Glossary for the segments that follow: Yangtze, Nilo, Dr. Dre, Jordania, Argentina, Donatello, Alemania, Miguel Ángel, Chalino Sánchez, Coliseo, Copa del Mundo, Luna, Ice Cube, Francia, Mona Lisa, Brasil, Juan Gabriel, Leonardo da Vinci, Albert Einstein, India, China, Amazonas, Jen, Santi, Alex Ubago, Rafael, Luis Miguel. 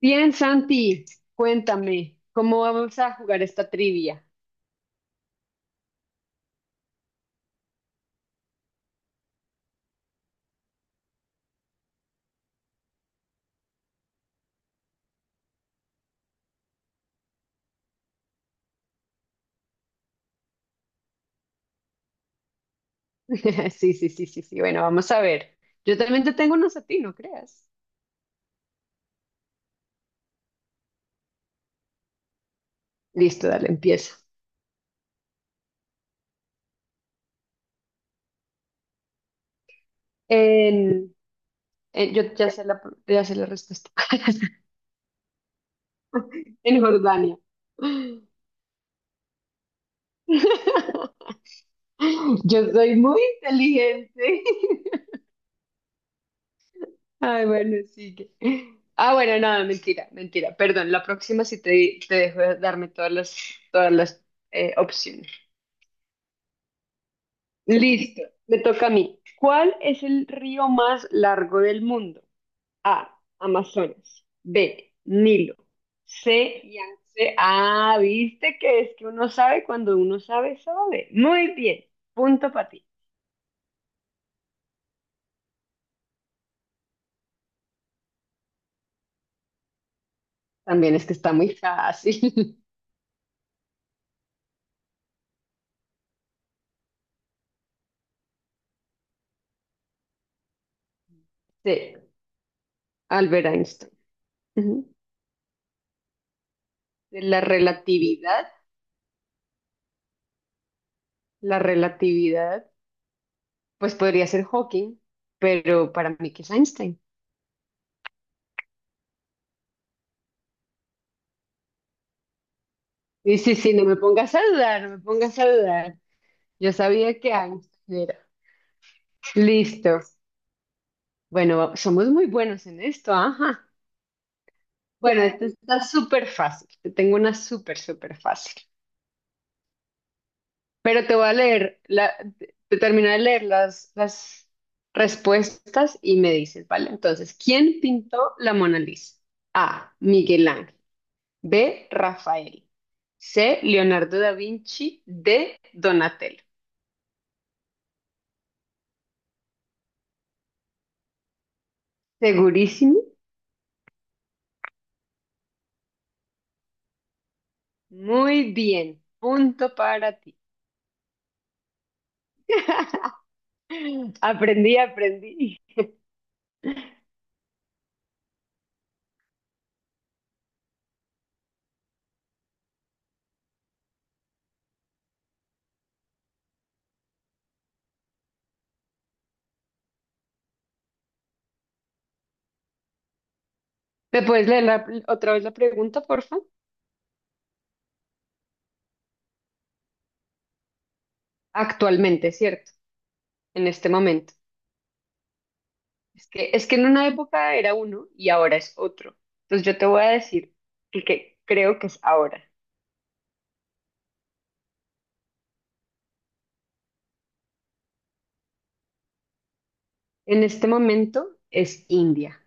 Bien, Santi, cuéntame, ¿cómo vamos a jugar esta trivia? Sí, sí, sí, sí, sí. Bueno, vamos a ver. Yo también te tengo unos a ti, no creas. Listo, dale, empieza. En, yo ya sé ya sé la respuesta. En Jordania. Yo soy muy inteligente. Ay, bueno, sigue. Ah, bueno, no, mentira, mentira. Perdón, la próxima sí te dejo darme todas las opciones. Listo, me toca a mí. ¿Cuál es el río más largo del mundo? A, Amazonas. B, Nilo. C, Yangtze. Ah, viste que es que uno sabe cuando uno sabe, sabe. Muy bien, punto para ti. También es que está muy fácil. C, Albert Einstein. Ujú. De la relatividad, pues podría ser Hawking, pero para mí que es Einstein. Sí, sí, sí, no me pongas a dudar, no me pongas a dudar. Yo sabía que Einstein era. Listo. Bueno, somos muy buenos en esto, ajá. Bueno, esto está súper fácil. Te tengo una súper, súper fácil. Pero te voy a leer, te termino de leer las respuestas y me dices, ¿vale? Entonces, ¿quién pintó la Mona Lisa? A. Miguel Ángel. B. Rafael. C. Leonardo da Vinci. D. Donatello. ¿Segurísimo? Muy bien. Punto para ti. Aprendí, aprendí. ¿Me puedes leer la- otra vez la pregunta, porfa? Actualmente, ¿cierto? En este momento. Es que en una época era uno y ahora es otro. Entonces yo te voy a decir el que creo que es ahora. En este momento es India.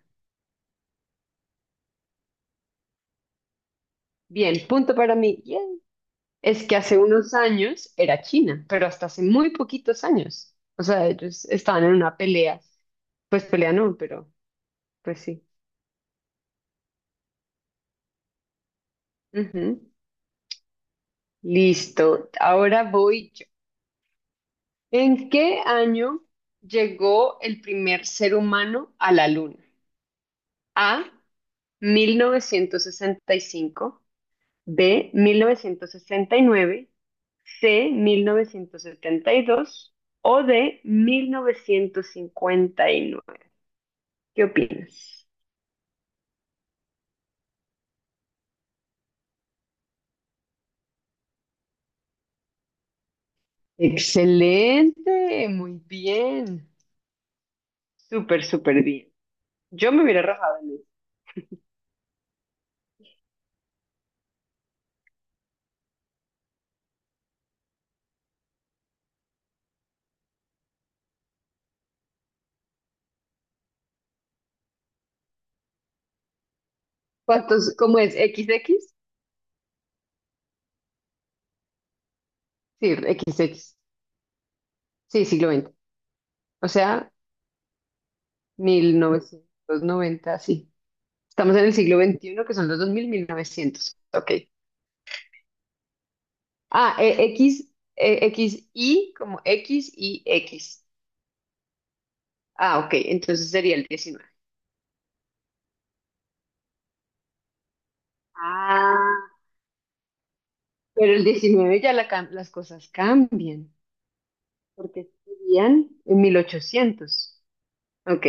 Bien, punto para mí. Yay. Es que hace unos años era China, pero hasta hace muy poquitos años. O sea, ellos estaban en una pelea. Pues pelea no, pero pues sí. Ujú. Listo. Ahora voy. ¿En qué año llegó el primer ser humano a la Luna? A, 1965, B, 1969, C, 1972 o D, 1959. ¿Qué opinas? Excelente, muy bien. Súper, súper bien. Yo me hubiera rajado en eso. ¿Cuántos, cómo es? ¿veinte? Sí, veinte. Sí, siglo veinte. O sea, 1990 sí. Estamos en el siglo 21 que son los 2000 mil novecientos. Ok. Ah, X, X, Y, como X y X. Ah, ok. Entonces sería el 19. Ah, pero el 19 ya la las cosas cambian, porque serían en 1800. Ok.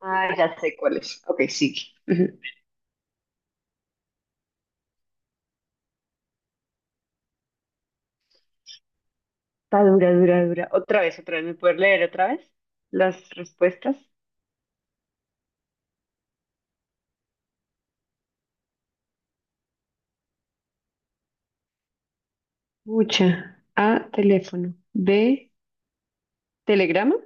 Ah, ya sé cuál es. Ok, sigue. Ujú. Está dura, dura, dura. Otra vez, otra vez. ¿Me puedes leer otra vez las respuestas? Mucha. A, teléfono. B, ¿Telegrama?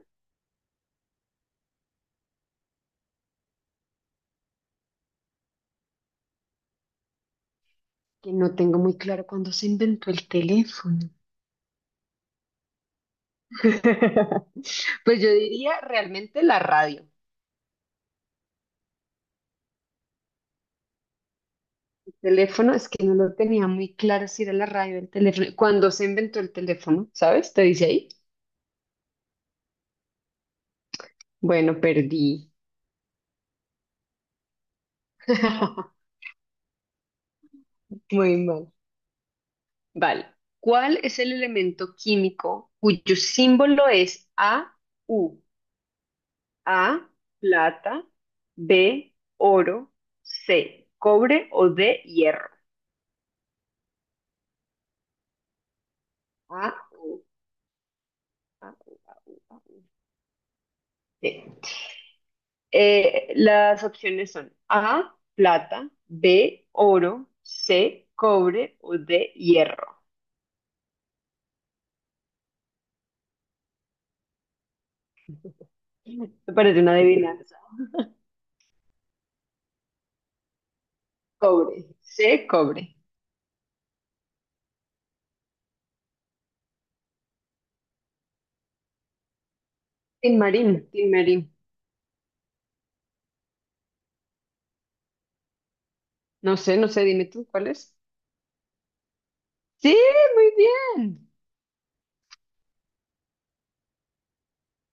Que no tengo muy claro cuándo se inventó el teléfono. Pues yo diría realmente la radio. El teléfono es que no lo tenía muy claro si era la radio o el teléfono. Cuando se inventó el teléfono, ¿sabes? Te dice ahí. Bueno, perdí. Muy mal. Vale. ¿Cuál es el elemento químico cuyo símbolo es AU? A, plata, B, oro, C, cobre o D, hierro. Ah, A, U, A, U, A, U. Sí. Las opciones son A, plata, B, oro, C, cobre o D, hierro. Me parece una adivinanza. Cobre. C, cobre. Tin Marín. No sé, no sé, dime tú, ¿cuál es? Sí, muy bien.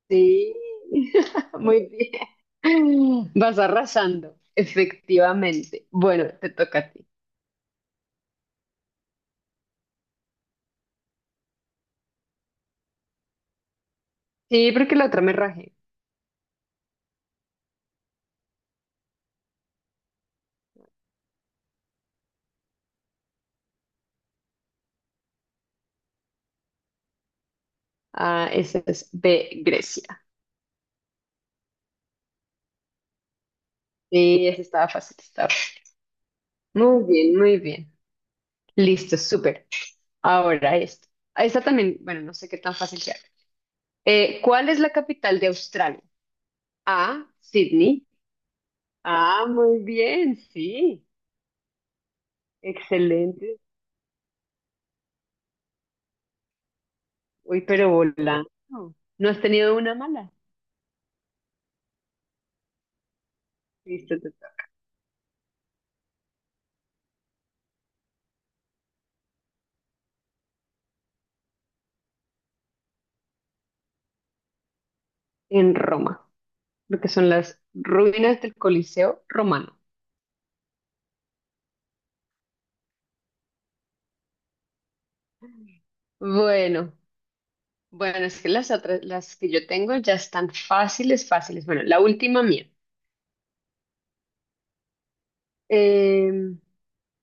Sí, muy bien. Vas arrasando, efectivamente. Bueno, te toca a ti. Sí, porque la otra me rajé. Ah, esa es B, Grecia. Sí, esa estaba fácil, estaba fácil. Muy bien, muy bien. Listo, súper. Ahora esto. Esta también, bueno, no sé qué tan fácil sea. ¿Cuál es la capital de Australia? A, Sydney. Ah, muy bien, sí. Excelente. Uy, pero volando. ¿No has tenido una mala? Listo, te toca. En Roma, lo que son las ruinas del Coliseo romano. Bueno, bueno, es que las otras, las que yo tengo ya están fáciles, fáciles. Bueno, la última mía. Eh,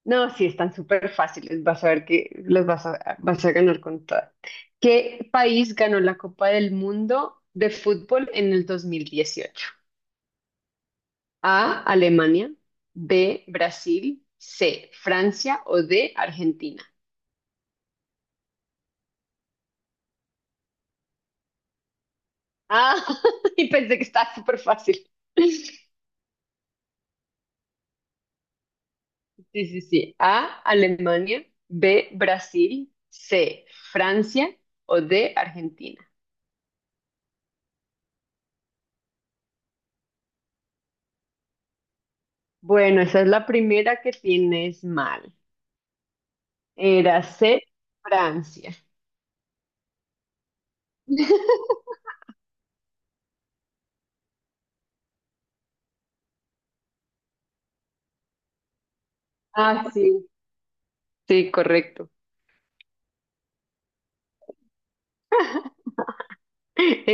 no, sí, están súper fáciles. Vas a ver que los vas a ganar con todas. ¿Qué país ganó la Copa del Mundo de fútbol en el 2018? A, Alemania, B, Brasil, C, Francia o D, Argentina. Ah, y pensé que estaba súper fácil. Sí, sí, sí. A, Alemania, B, Brasil, C, Francia o D, Argentina. Bueno, esa es la primera que tienes mal. Era C, Francia. Ah, sí, sí, correcto.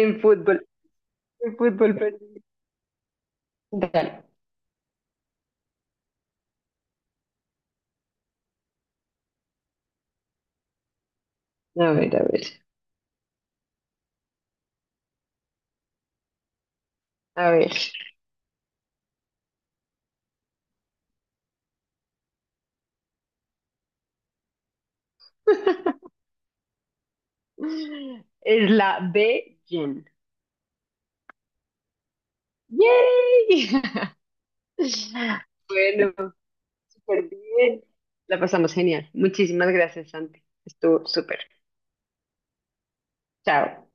En fútbol, en fútbol perdí. Dale. A ver, a ver, a ver. Es la B, Jen. ¡Yay! Bueno, súper bien. La pasamos genial. Muchísimas gracias, Santi. Estuvo súper. Chao.